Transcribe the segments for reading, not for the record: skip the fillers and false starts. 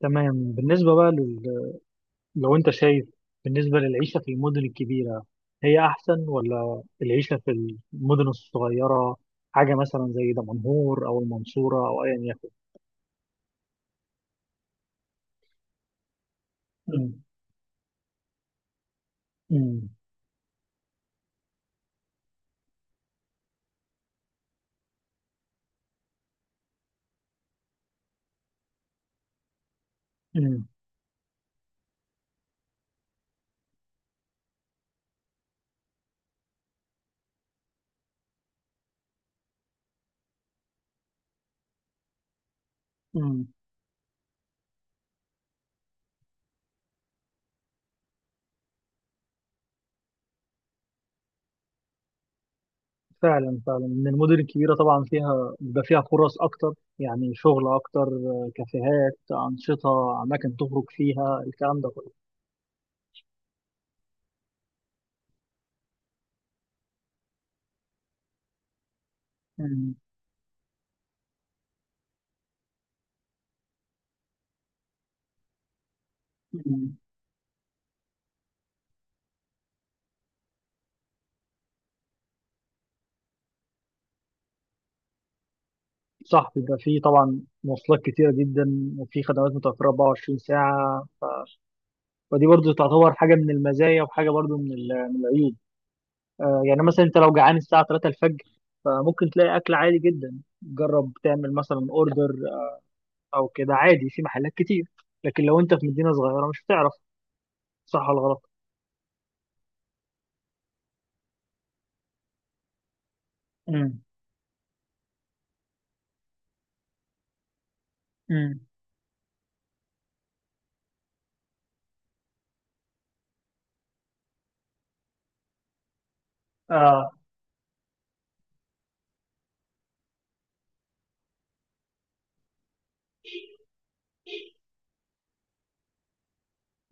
تمام بالنسبة بقى لو أنت شايف بالنسبة للعيشة في المدن الكبيرة، هي أحسن ولا العيشة في المدن الصغيرة، حاجة مثلا زي دمنهور أو المنصورة أو أيا يكن. أمم، أمم، أمم، أمم. فعلا فعلا إن المدن الكبيرة طبعا فيها بيبقى فيها فرص أكتر، يعني شغل أكتر، كافيهات، أنشطة، أماكن تخرج فيها، الكلام ده كله. أمم، أمم. صح، بيبقى فيه طبعا مواصلات كتيرة جدا وفي خدمات متوفرة 24 ساعة، ودي برضو تعتبر حاجة من المزايا وحاجة برضو من من العيوب. يعني مثلا انت لو جعان الساعة 3 الفجر فممكن تلاقي أكل عادي جدا، جرب تعمل مثلا اوردر أو كده عادي في محلات كتير. لكن لو انت في مدينة صغيرة مش هتعرف صح ولا غلط. امم، امم، اه،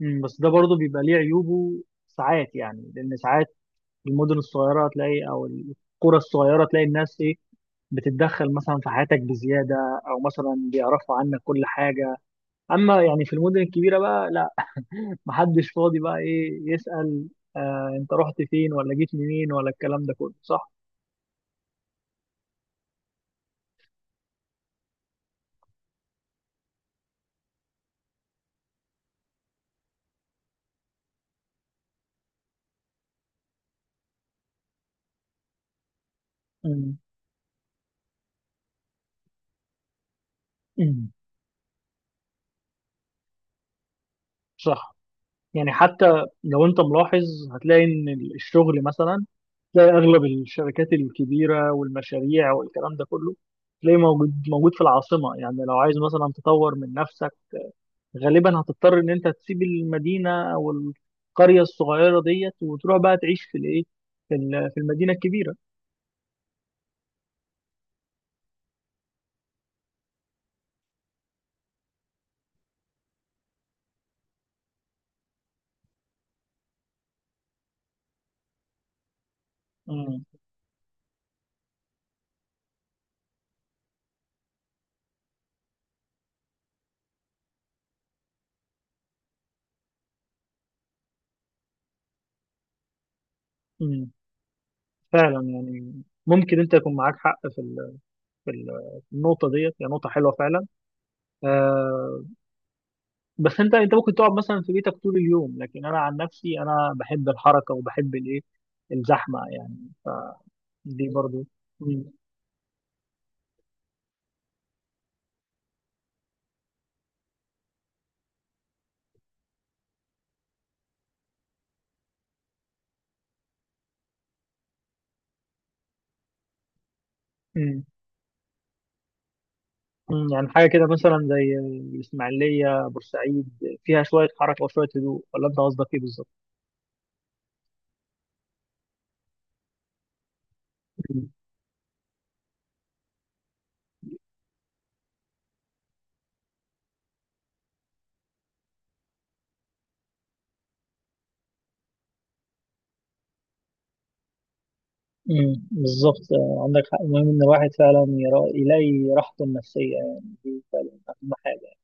امم. بس ده برضو بيبقى ليه عيوبه ساعات، يعني لأن ساعات المدن الصغيرة تلاقي أو القرى الصغيرة تلاقي الناس إيه، بتتدخل مثلا في حياتك بزيادة، أو مثلا بيعرفوا عنك كل حاجة. أما يعني في المدن الكبيرة بقى محدش فاضي بقى ايه يسأل آه انت رحت فين ولا جيت منين ولا الكلام ده كله، صح. مم. مم. صح، يعني حتى لو انت ملاحظ هتلاقي ان الشغل مثلا، تلاقي اغلب الشركات الكبيره والمشاريع والكلام ده كله تلاقي موجود موجود في العاصمه. يعني لو عايز مثلا تطور من نفسك غالبا هتضطر ان انت تسيب المدينه او القريه الصغيره ديت وتروح بقى تعيش في الايه، في في المدينه الكبيره. مم. مم. فعلا يعني ممكن انت يكون معاك حق في في في النقطه ديت، هي نقطه حلوه فعلا. آه، بس انت ممكن تقعد مثلا في بيتك طول اليوم، لكن انا عن نفسي انا بحب الحركه وبحب الايه، الزحمه يعني، دي برضو. مم. مم. مم. يعني حاجه كده مثلا زي الاسماعيليه بورسعيد فيها شويه حركه وشويه هدوء، ولا انت قصدك ايه بالظبط؟ مم. مم. بالظبط، عندك حق، المهم ان الواحد فعلا يلاقي راحته النفسيه، يعني دي فعلا اهم حاجه.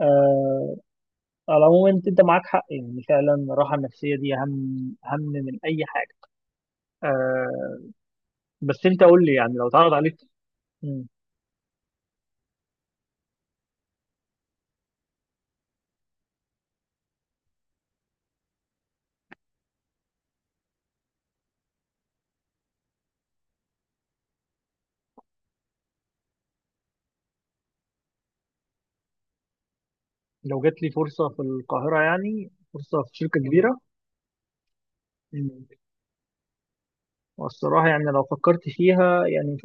آه على العموم انت معاك حق، يعني فعلا الراحه النفسيه دي اهم اهم من اي حاجه. آه بس انت قول لي يعني لو اتعرض عليك. مم. لو جات لي فرصه في القاهره، يعني فرصه في شركه كبيره. مم. والصراحه يعني لو فكرت فيها يعني،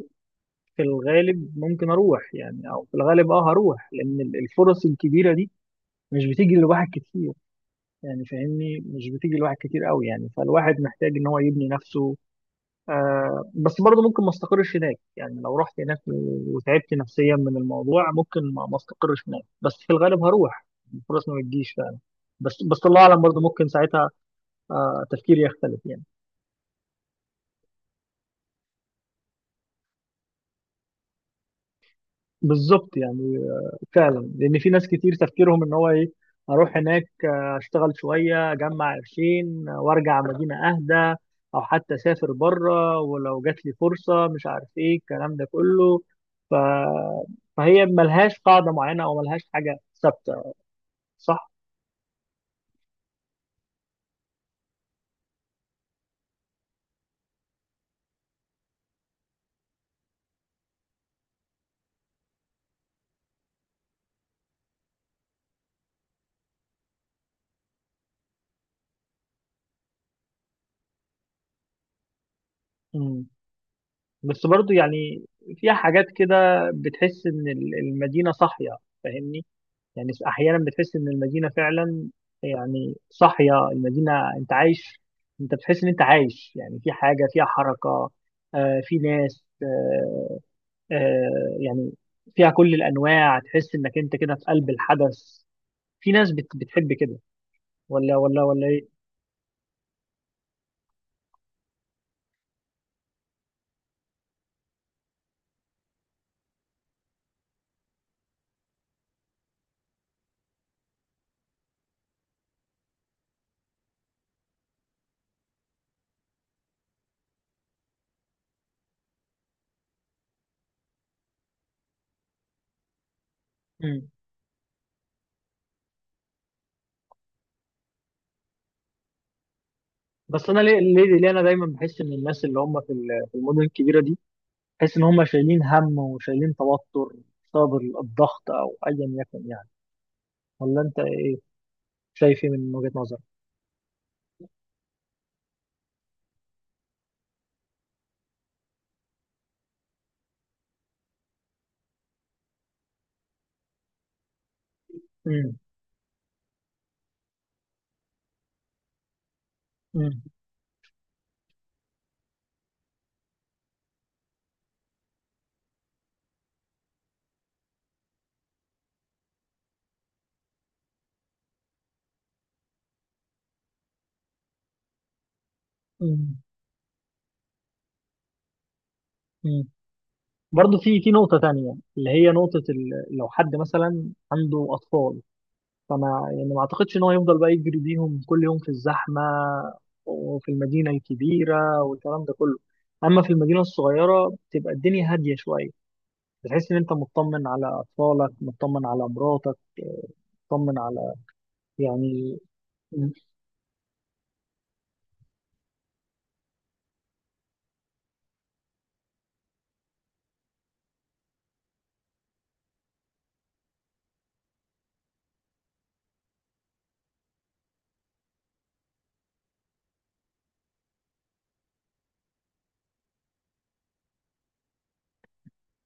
في الغالب ممكن اروح، يعني او في الغالب هروح لان الفرص الكبيره دي مش بتيجي لواحد كتير. يعني فاهمني، مش بتيجي لواحد كتير قوي، يعني فالواحد محتاج ان هو يبني نفسه. بس برضه ممكن ما استقرش هناك، يعني لو رحت هناك وتعبت نفسيا من الموضوع ممكن ما استقرش هناك. بس في الغالب هروح، الفرص ما بتجيش فعلا. بس بس الله اعلم، برضه ممكن ساعتها تفكيري يختلف يعني. بالظبط يعني، فعلا لان في ناس كتير تفكيرهم ان هو ايه، اروح هناك اشتغل شويه اجمع قرشين وارجع مدينه اهدى، او حتى اسافر بره ولو جات لي فرصه مش عارف ايه الكلام ده كله. ف... فهي ملهاش قاعده معينه او ملهاش حاجه ثابته، صح. مم. بس برضو يعني فيها حاجات كده، بتحس ان المدينه صاحيه، فاهمني. يعني احيانا بتحس ان المدينه فعلا، يعني صاحيه المدينه، انت عايش، انت بتحس ان انت عايش يعني، في حاجه فيها حركه، في ناس، يعني فيها كل الانواع، تحس انك انت كده في قلب الحدث. في ناس بتحب كده، ولا ايه؟ مم. بس انا ليه انا دايما بحس ان الناس اللي هم في في المدن الكبيره دي، بحس ان هم شايلين هم وشايلين توتر بسبب الضغط او ايا يكن يعني، ولا انت شايف ايه من وجهه نظرك؟ مم. مم. مم. مم. برضه في نقطة تانية اللي هي نقطة لو حد مثلا عنده أطفال، فما يعني ما أعتقدش إن هو يفضل بقى يجري بيهم كل يوم في الزحمة وفي المدينة الكبيرة والكلام ده كله. أما في المدينة الصغيرة بتبقى الدنيا هادية شوية، بتحس إن أنت مطمن على أطفالك، مطمن على مراتك، مطمن على يعني. مم.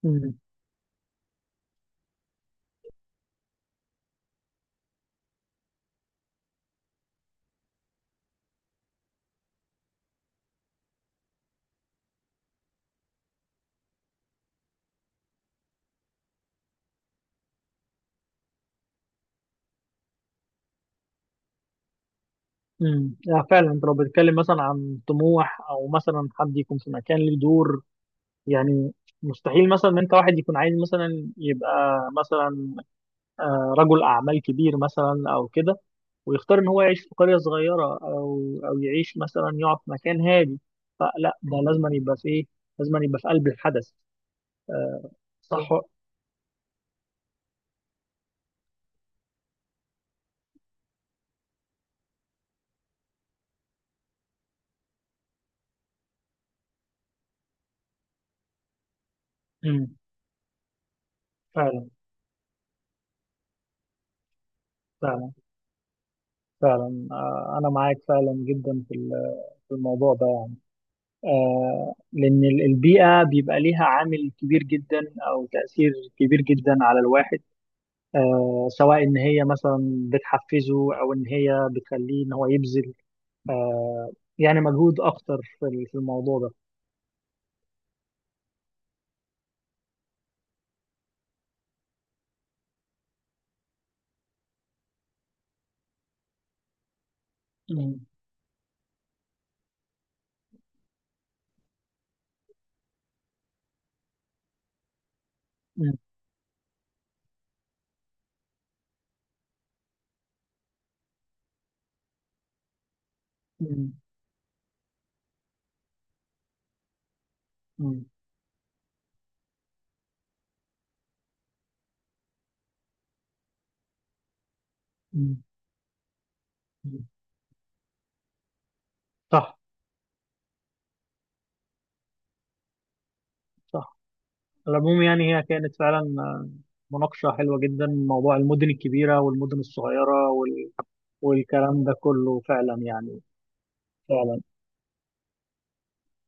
مم. مم. فعلا، أنت لو بتتكلم مثلا عن طموح أو مثلا حد يكون في مكان ليه دور، يعني مستحيل مثلا ان انت واحد يكون عايز مثلا يبقى مثلا رجل اعمال كبير مثلا او كده، ويختار ان هو يعيش في قريه صغيره او يعيش مثلا يقعد في مكان هادي. فلا، ده لازم يبقى في ايه، لازم يبقى في قلب الحدث. صح بالظبط. مم. فعلا فعلا فعلا، انا معاك فعلا جدا في في الموضوع ده، يعني لان البيئه بيبقى ليها عامل كبير جدا او تاثير كبير جدا على الواحد، سواء ان هي مثلا بتحفزه او ان هي بتخليه ان هو يبذل، آه، يعني مجهود اكتر في في الموضوع ده. مم. مم. مم. مم. مم. صح صح. على العموم يعني هي كانت فعلا مناقشة حلوة جدا، موضوع المدن الكبيرة والمدن الصغيرة والكلام ده كله فعلا يعني، فعلا.